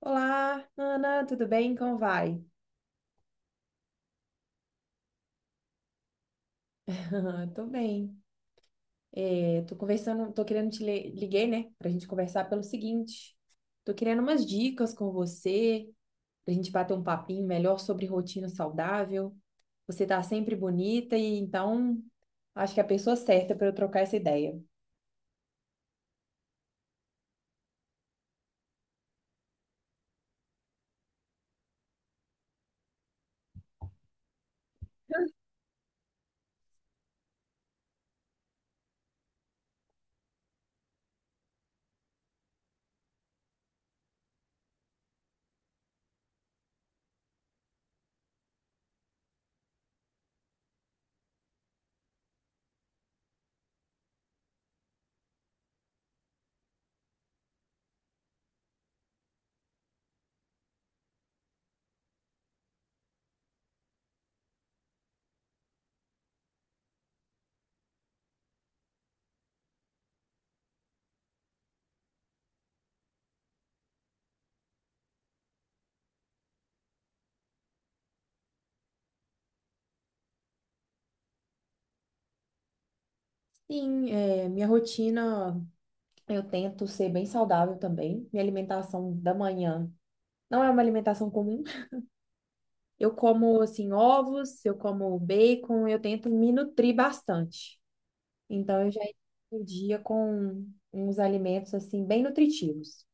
Olá, Ana, tudo bem? Como vai? Tô bem. É, tô conversando, tô querendo te li- liguei, né, pra gente conversar pelo seguinte. Tô querendo umas dicas com você, pra gente bater um papinho melhor sobre rotina saudável. Você tá sempre bonita e então acho que é a pessoa certa para eu trocar essa ideia. Sim, é, minha rotina, eu tento ser bem saudável também. Minha alimentação da manhã não é uma alimentação comum. Eu como assim ovos, eu como bacon, eu tento me nutrir bastante. Então eu já inicio o dia com uns alimentos assim bem nutritivos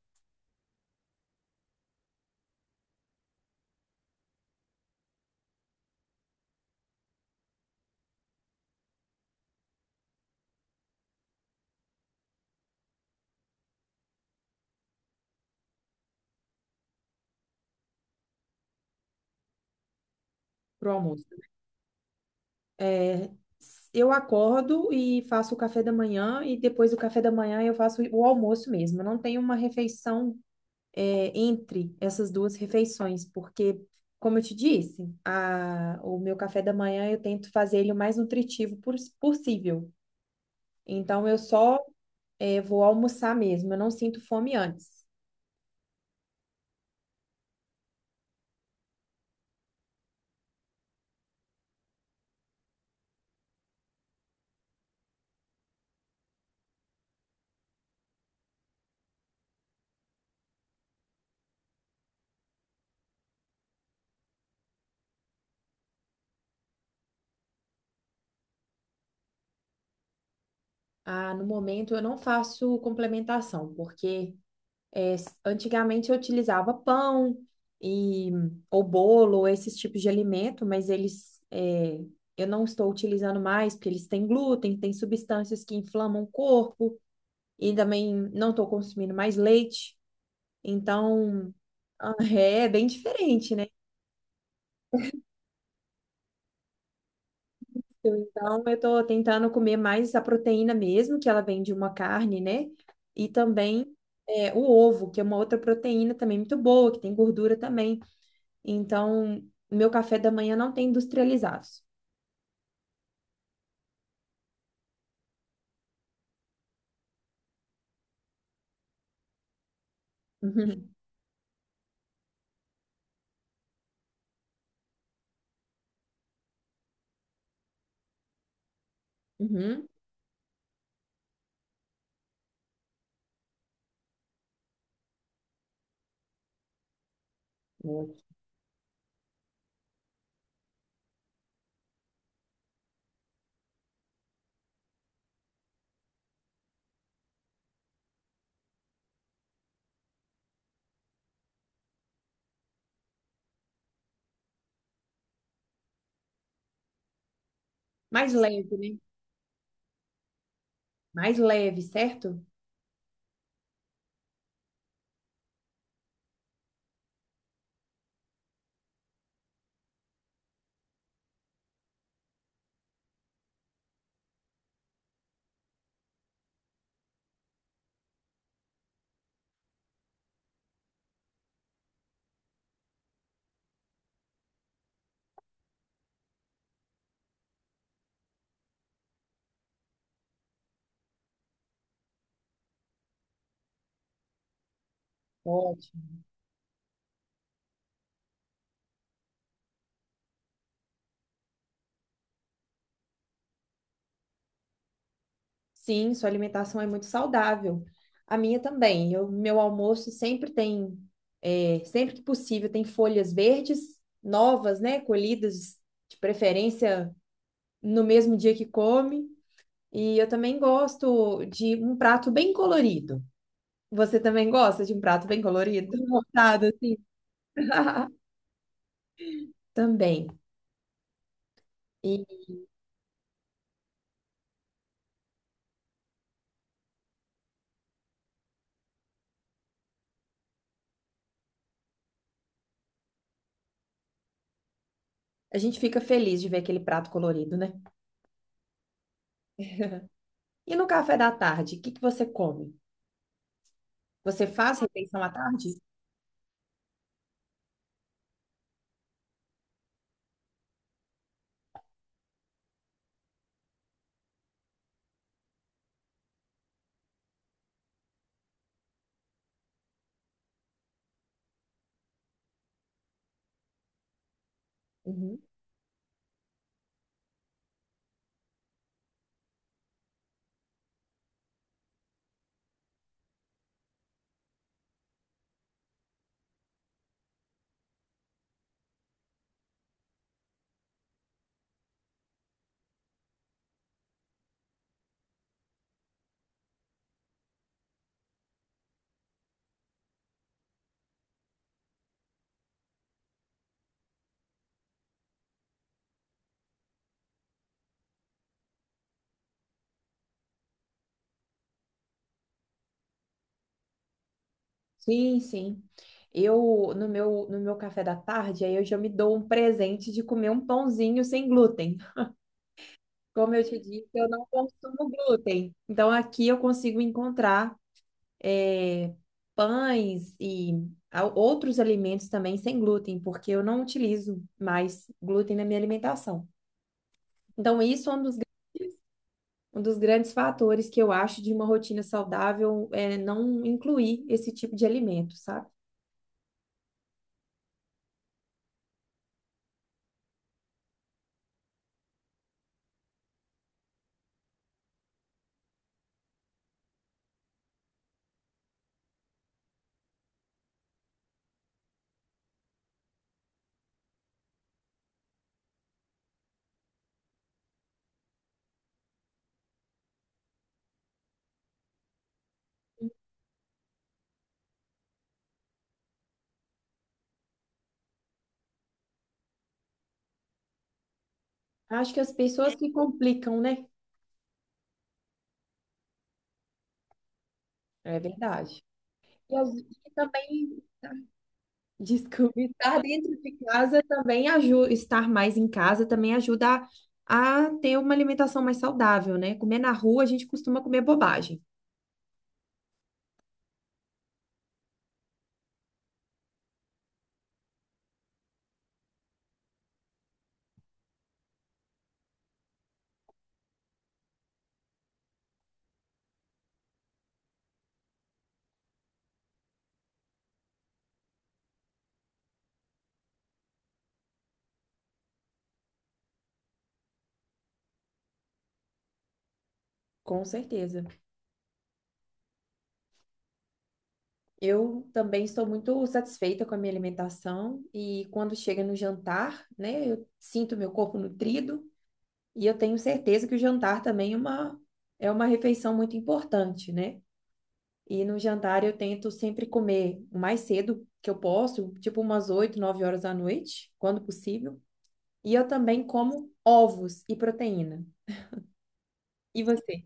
pro almoço. É, eu acordo e faço o café da manhã e depois do café da manhã eu faço o almoço mesmo. Eu não tenho uma refeição entre essas duas refeições, porque como eu te disse, o meu café da manhã eu tento fazer ele o mais possível. Então, eu só vou almoçar mesmo, eu não sinto fome antes. Ah, no momento eu não faço complementação, porque antigamente eu utilizava pão e ou bolo, ou esses tipos de alimento, mas eu não estou utilizando mais, porque eles têm glúten, têm substâncias que inflamam o corpo, e também não estou consumindo mais leite, então ah, é bem diferente, né? Então, eu tô tentando comer mais a proteína mesmo, que ela vem de uma carne, né? E também o ovo, que é uma outra proteína também muito boa, que tem gordura também. Então, meu café da manhã não tem industrializados. Uhum. Uhum. Boa. Mais leve, né? Mais leve, certo? Ótimo. Sim, sua alimentação é muito saudável. A minha também. Meu almoço sempre tem, é, sempre que possível, tem folhas verdes novas, né? Colhidas, de preferência no mesmo dia que come. E eu também gosto de um prato bem colorido. Você também gosta de um prato bem colorido? Montado assim? Também. E a gente fica feliz de ver aquele prato colorido, né? E no café da tarde, o que que você come? Você faz refeição à tarde? Uhum. Sim, sim. Eu, no meu, no meu café da tarde, aí eu já me dou um presente de comer um pãozinho sem glúten. Como eu te disse, eu não consumo glúten. Então, aqui eu consigo encontrar eh, pães e outros alimentos também sem glúten, porque eu não utilizo mais glúten na minha alimentação. Então, isso é um dos grandes fatores que eu acho de uma rotina saudável é não incluir esse tipo de alimento, sabe? Acho que as pessoas que complicam, né? É verdade. E, e também, desculpe, estar dentro de casa também ajuda, estar mais em casa também ajuda a ter uma alimentação mais saudável, né? Comer na rua, a gente costuma comer bobagem. Com certeza. Eu também estou muito satisfeita com a minha alimentação e quando chega no jantar, né, eu sinto meu corpo nutrido e eu tenho certeza que o jantar também é é uma refeição muito importante, né? E no jantar eu tento sempre comer o mais cedo que eu posso, tipo umas 8, 9 horas da noite, quando possível. E eu também como ovos e proteína. E você?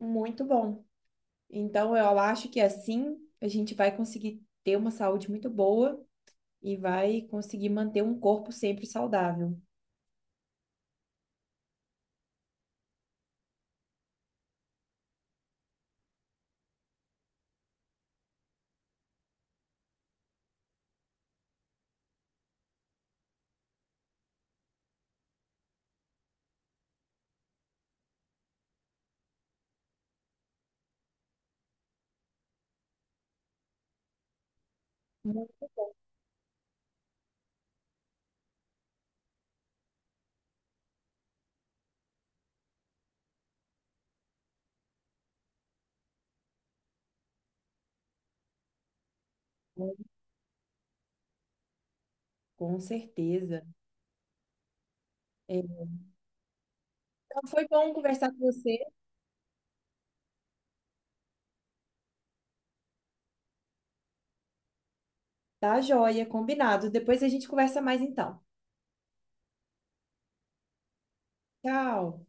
Muito bom. Então eu acho que assim a gente vai conseguir ter uma saúde muito boa e vai conseguir manter um corpo sempre saudável. Muito bom, com certeza. É, então foi bom conversar com você. Tá joia, combinado. Depois a gente conversa mais então. Tchau.